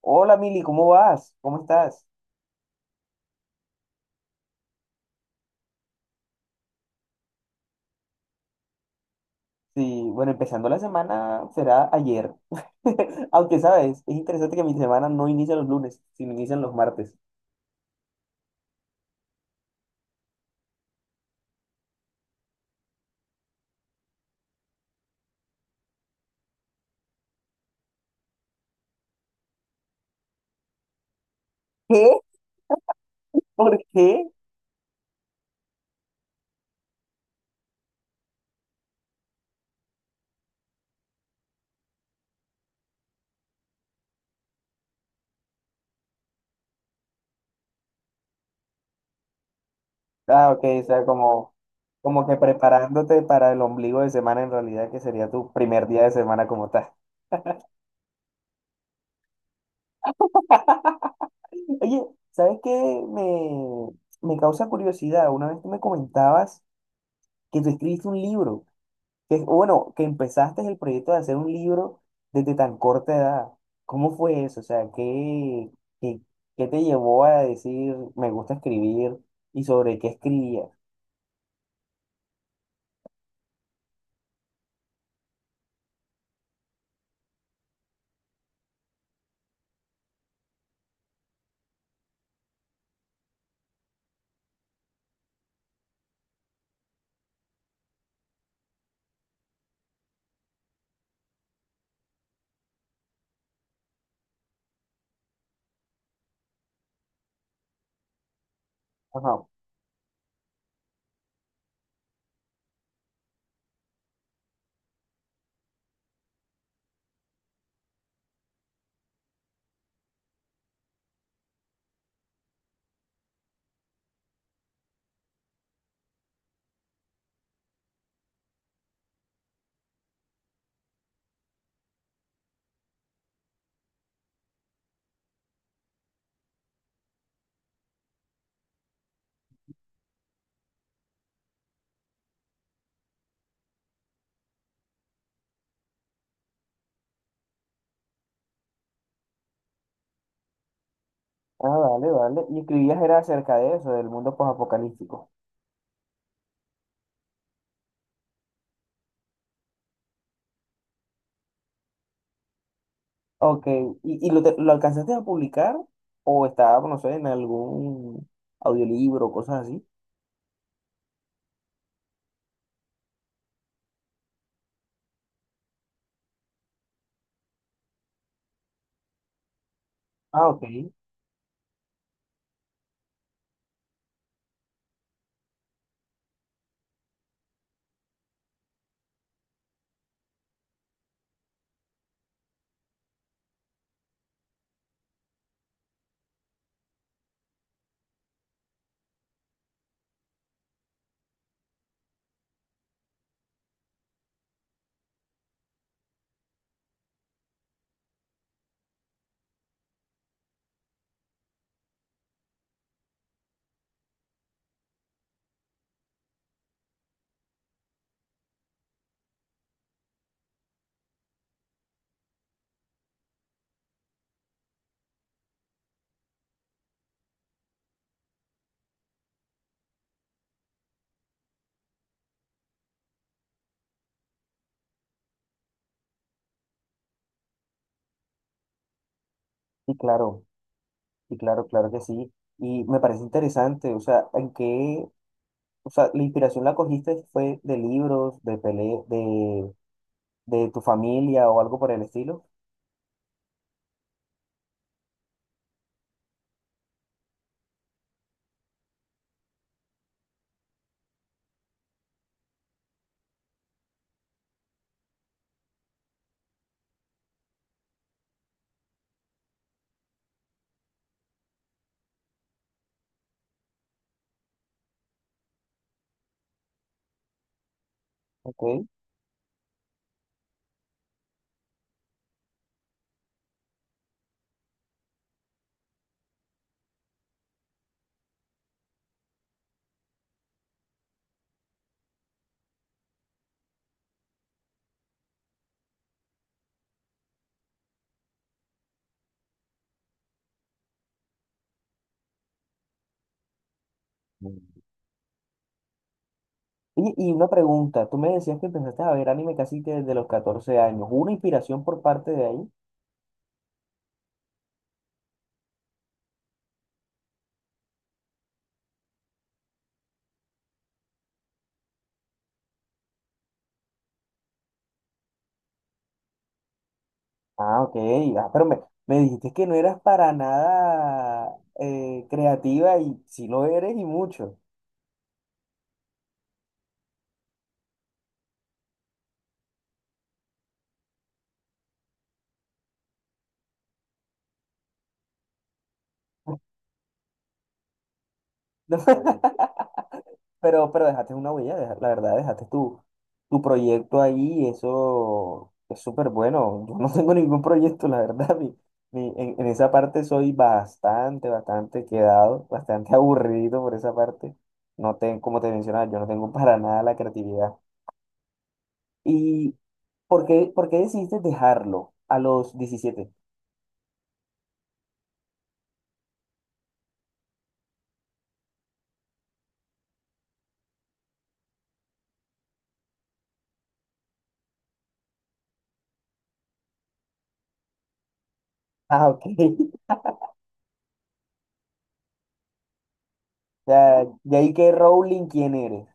Hola Mili, ¿cómo vas? ¿Cómo estás? Sí, bueno, empezando la semana será ayer. Aunque sabes, es interesante que mi semana no inicia los lunes, sino inician los martes. ¿Qué? ¿Por qué? Ah, ok, o sea, como que preparándote para el ombligo de semana en realidad, que sería tu primer día de semana como tal. Oye, ¿sabes qué? Me, me causa curiosidad. Una vez tú me comentabas que tú escribiste un libro. Que, bueno, que empezaste el proyecto de hacer un libro desde tan corta edad. ¿Cómo fue eso? O sea, qué, qué te llevó a decir me gusta escribir y sobre qué escribías? Ajá. Ah, vale, vale. Y escribías era acerca de eso, del mundo posapocalíptico. Ok. ¿Y lo, lo alcanzaste a publicar o estaba, no sé, en algún audiolibro o cosas así? Ah, ok. Sí, claro. Sí, claro, claro que sí. Y me parece interesante, o sea, ¿en qué? O sea, la inspiración la cogiste fue de libros, de pele, de tu familia o algo por el estilo. Ok. Mm. Y una pregunta, tú me decías que empezaste a ver anime casi que desde los 14 años. ¿Hubo una inspiración por parte de ahí? Ah, ok. Ah, pero me dijiste que no eras para nada creativa y si lo eres y mucho. Pero dejaste una huella, la verdad, dejaste tu, tu proyecto ahí, y eso es súper bueno. Yo no tengo ningún proyecto, la verdad. Mi, en esa parte soy bastante, bastante quedado, bastante aburrido por esa parte. No tengo, como te mencionaba, yo no tengo para nada la creatividad. ¿Y por qué decidiste dejarlo a los 17? Ah, ok. O sea, de ahí que Rowling, ¿quién eres?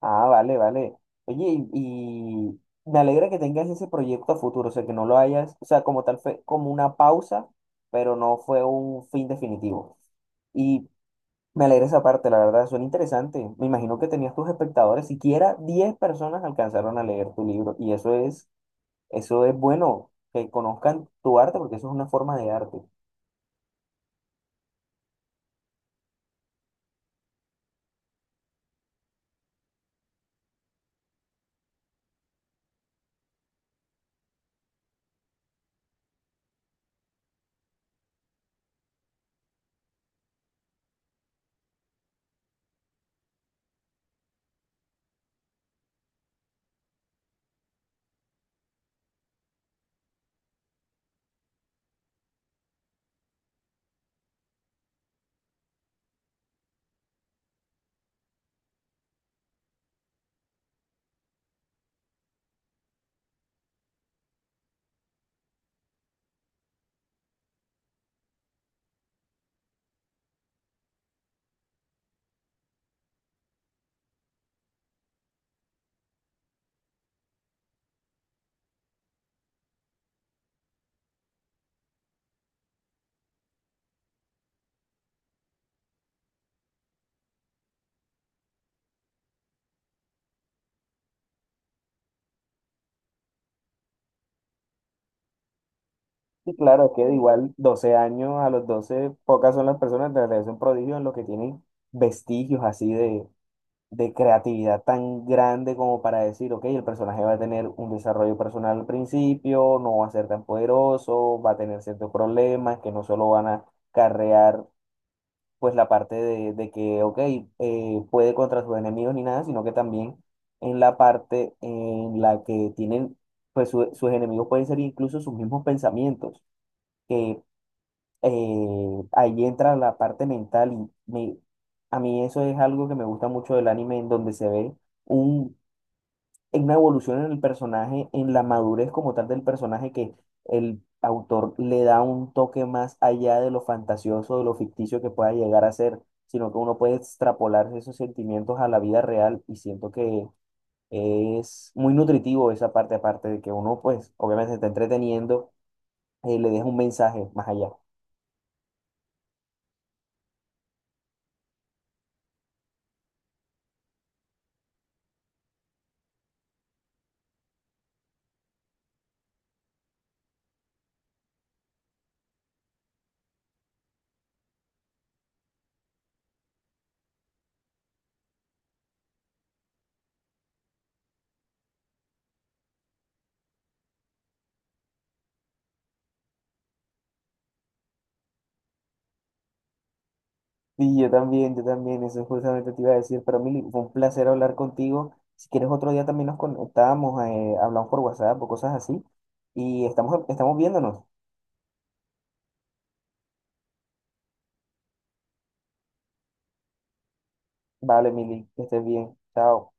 Ah, vale, vale. Oye, y me alegra que tengas ese proyecto a futuro, o sea, que no lo hayas, o sea, como tal fue como una pausa, pero no fue un fin definitivo. Y me alegra esa parte, la verdad, suena interesante. Me imagino que tenías tus espectadores, siquiera 10 personas alcanzaron a leer tu libro, y eso es bueno, que conozcan tu arte, porque eso es una forma de arte. Y claro, es que de igual 12 años, a los 12 pocas son las personas, de verdad es un prodigio en lo que tienen vestigios así de creatividad tan grande como para decir, ok, el personaje va a tener un desarrollo personal al principio, no va a ser tan poderoso, va a tener ciertos problemas que no solo van a carrear pues la parte de que, ok, puede contra sus enemigos ni nada, sino que también en la parte en la que tienen, pues sus enemigos pueden ser incluso sus mismos pensamientos, que ahí entra la parte mental y me, a mí eso es algo que me gusta mucho del anime, en donde se ve un, una evolución en el personaje, en la madurez como tal del personaje, que el autor le da un toque más allá de lo fantasioso, de lo ficticio que pueda llegar a ser, sino que uno puede extrapolar esos sentimientos a la vida real y siento que es muy nutritivo esa parte, aparte de que uno pues obviamente se está entreteniendo, le deja un mensaje más allá. Sí, yo también, eso justamente te iba a decir. Para mí fue un placer hablar contigo. Si quieres otro día también nos conectamos, hablamos por WhatsApp o cosas así. Y estamos, estamos viéndonos. Vale, Mili, que estés bien. Chao.